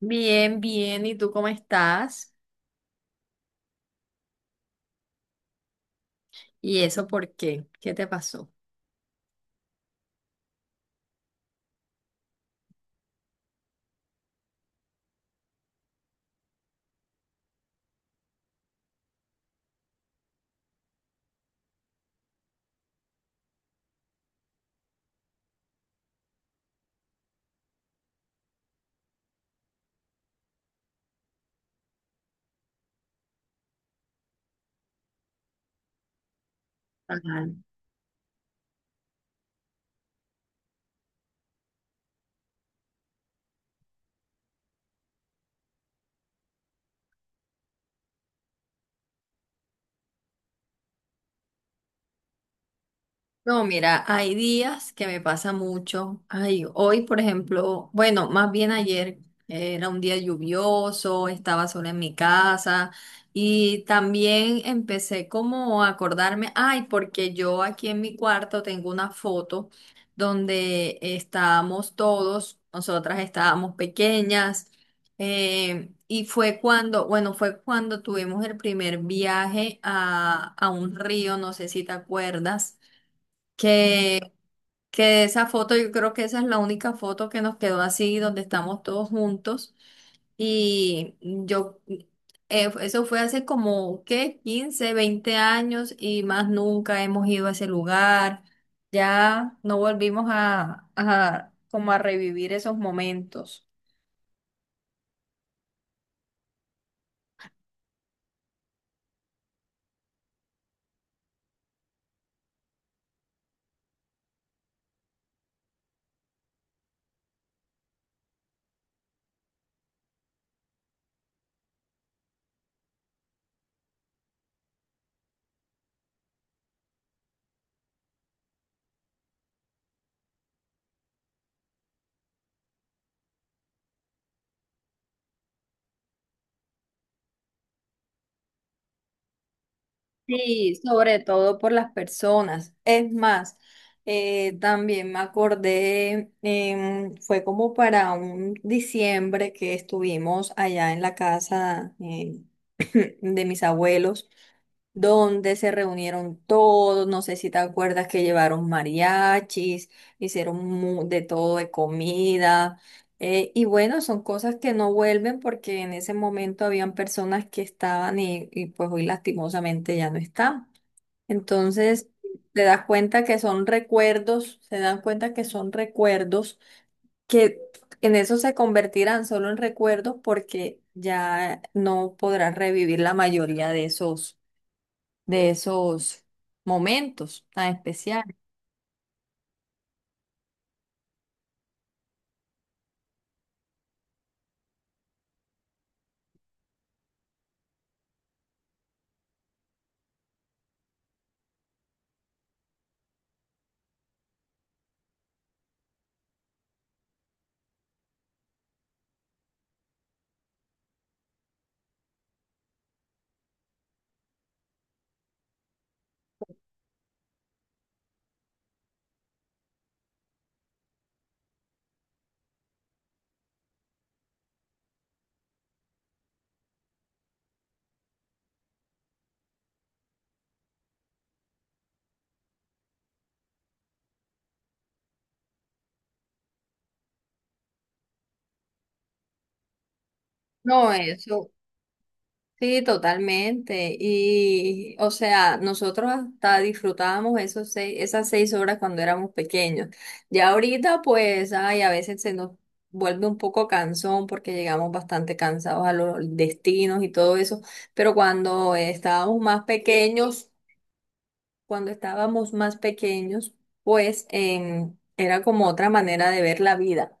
Bien, bien. ¿Y tú cómo estás? ¿Y eso por qué? ¿Qué te pasó? Ajá. No, mira, hay días que me pasa mucho. Ay, hoy, por ejemplo, bueno, más bien ayer era un día lluvioso, estaba sola en mi casa y también empecé como a acordarme, ay, porque yo aquí en mi cuarto tengo una foto donde estábamos todos, nosotras estábamos pequeñas, y bueno, fue cuando tuvimos el primer viaje a un río, no sé si te acuerdas que, que esa foto, yo creo que esa es la única foto que nos quedó así, donde estamos todos juntos. Y yo, eso fue hace como, ¿qué? 15 20 años, y más nunca hemos ido a ese lugar. Ya no volvimos a como a revivir esos momentos. Sí, sobre todo por las personas. Es más, también me acordé, fue como para un diciembre que estuvimos allá en la casa, de mis abuelos, donde se reunieron todos, no sé si te acuerdas que llevaron mariachis, hicieron de todo de comida. Y bueno, son cosas que no vuelven porque en ese momento habían personas que estaban, y pues hoy lastimosamente ya no están. Entonces, te das cuenta que son recuerdos, se dan cuenta que son recuerdos que en eso se convertirán, solo en recuerdos, porque ya no podrás revivir la mayoría de esos, de esos momentos tan especiales. No, eso, sí, totalmente. Y, o sea, nosotros hasta disfrutábamos esos seis, esas seis horas cuando éramos pequeños. Ya ahorita, pues, ay, a veces se nos vuelve un poco cansón porque llegamos bastante cansados a los destinos y todo eso. Pero cuando estábamos más pequeños, cuando estábamos más pequeños, pues, era como otra manera de ver la vida.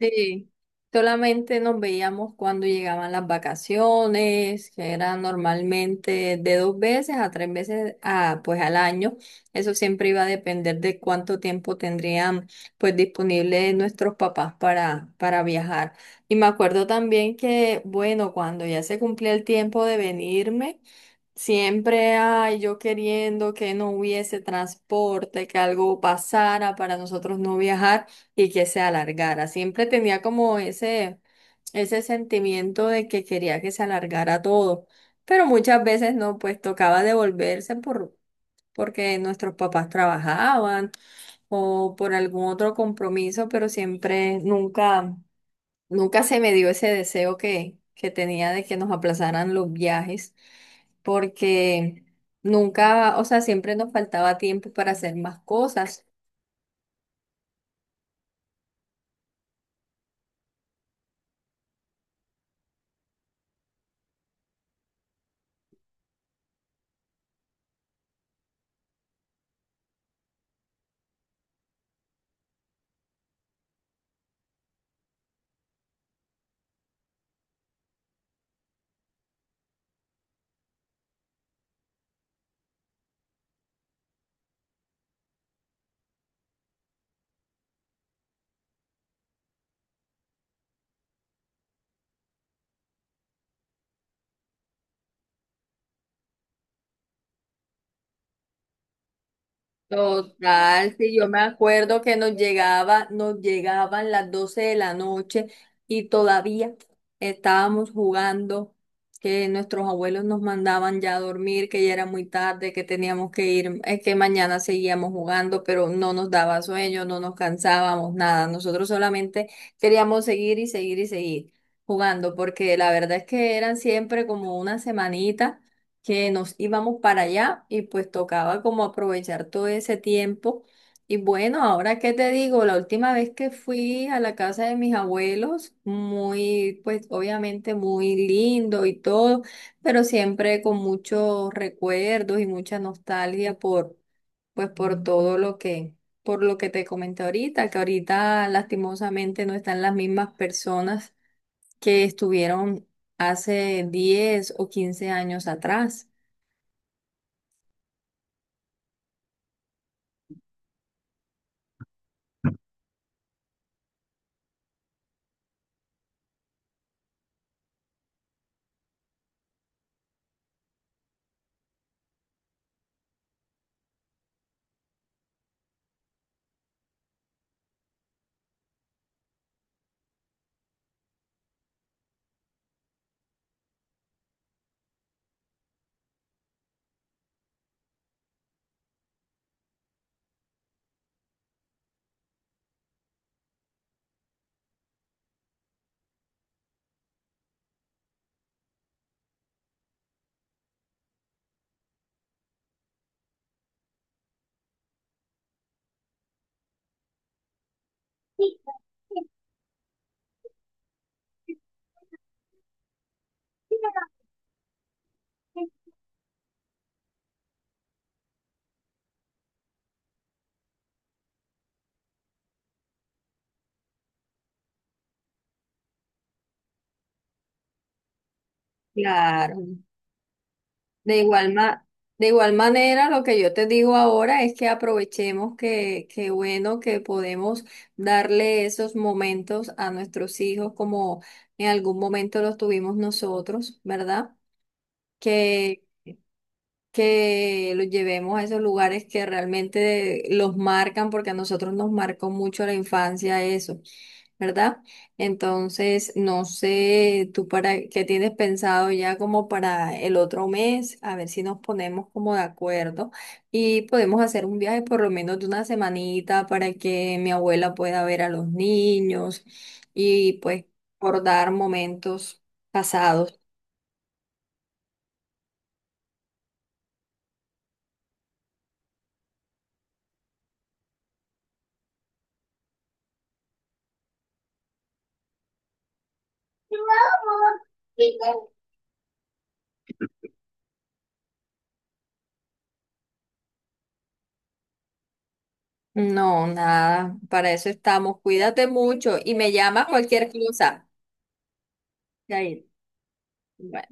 Sí, solamente nos veíamos cuando llegaban las vacaciones, que era normalmente de dos veces a tres veces a, pues, al año. Eso siempre iba a depender de cuánto tiempo tendrían, pues, disponible nuestros papás para, viajar. Y me acuerdo también que, bueno, cuando ya se cumplía el tiempo de venirme, siempre hay yo queriendo que no hubiese transporte, que algo pasara para nosotros no viajar y que se alargara. Siempre tenía como ese sentimiento de que quería que se alargara todo, pero muchas veces no, pues tocaba devolverse porque nuestros papás trabajaban o por algún otro compromiso, pero siempre nunca se me dio ese deseo que tenía de que nos aplazaran los viajes, porque nunca, o sea, siempre nos faltaba tiempo para hacer más cosas. Total, sí, yo me acuerdo que nos llegaba, nos llegaban las 12 de la noche y todavía estábamos jugando, que nuestros abuelos nos mandaban ya a dormir, que ya era muy tarde, que teníamos que ir, es que mañana seguíamos jugando, pero no nos daba sueño, no nos cansábamos, nada. Nosotros solamente queríamos seguir y seguir y seguir jugando, porque la verdad es que eran siempre como una semanita que nos íbamos para allá y pues tocaba como aprovechar todo ese tiempo. Y bueno, ahora qué te digo, la última vez que fui a la casa de mis abuelos, muy, pues obviamente muy lindo y todo, pero siempre con muchos recuerdos y mucha nostalgia por, pues, por todo lo que, por lo que te comenté ahorita, que ahorita lastimosamente no están las mismas personas que estuvieron hace 10 o 15 años atrás. Claro. De igual ma- de igual manera, lo que yo te digo ahora es que aprovechemos que, bueno que podemos darle esos momentos a nuestros hijos como en algún momento los tuvimos nosotros, ¿verdad? Que que los llevemos a esos lugares que realmente los marcan, porque a nosotros nos marcó mucho la infancia eso, ¿verdad? Entonces, no sé, tú para qué tienes pensado ya como para el otro mes, a ver si nos ponemos como de acuerdo y podemos hacer un viaje por lo menos de una semanita para que mi abuela pueda ver a los niños y pues recordar momentos pasados. No, nada, para eso estamos. Cuídate mucho y me llamas cualquier cosa. Yair. Bye.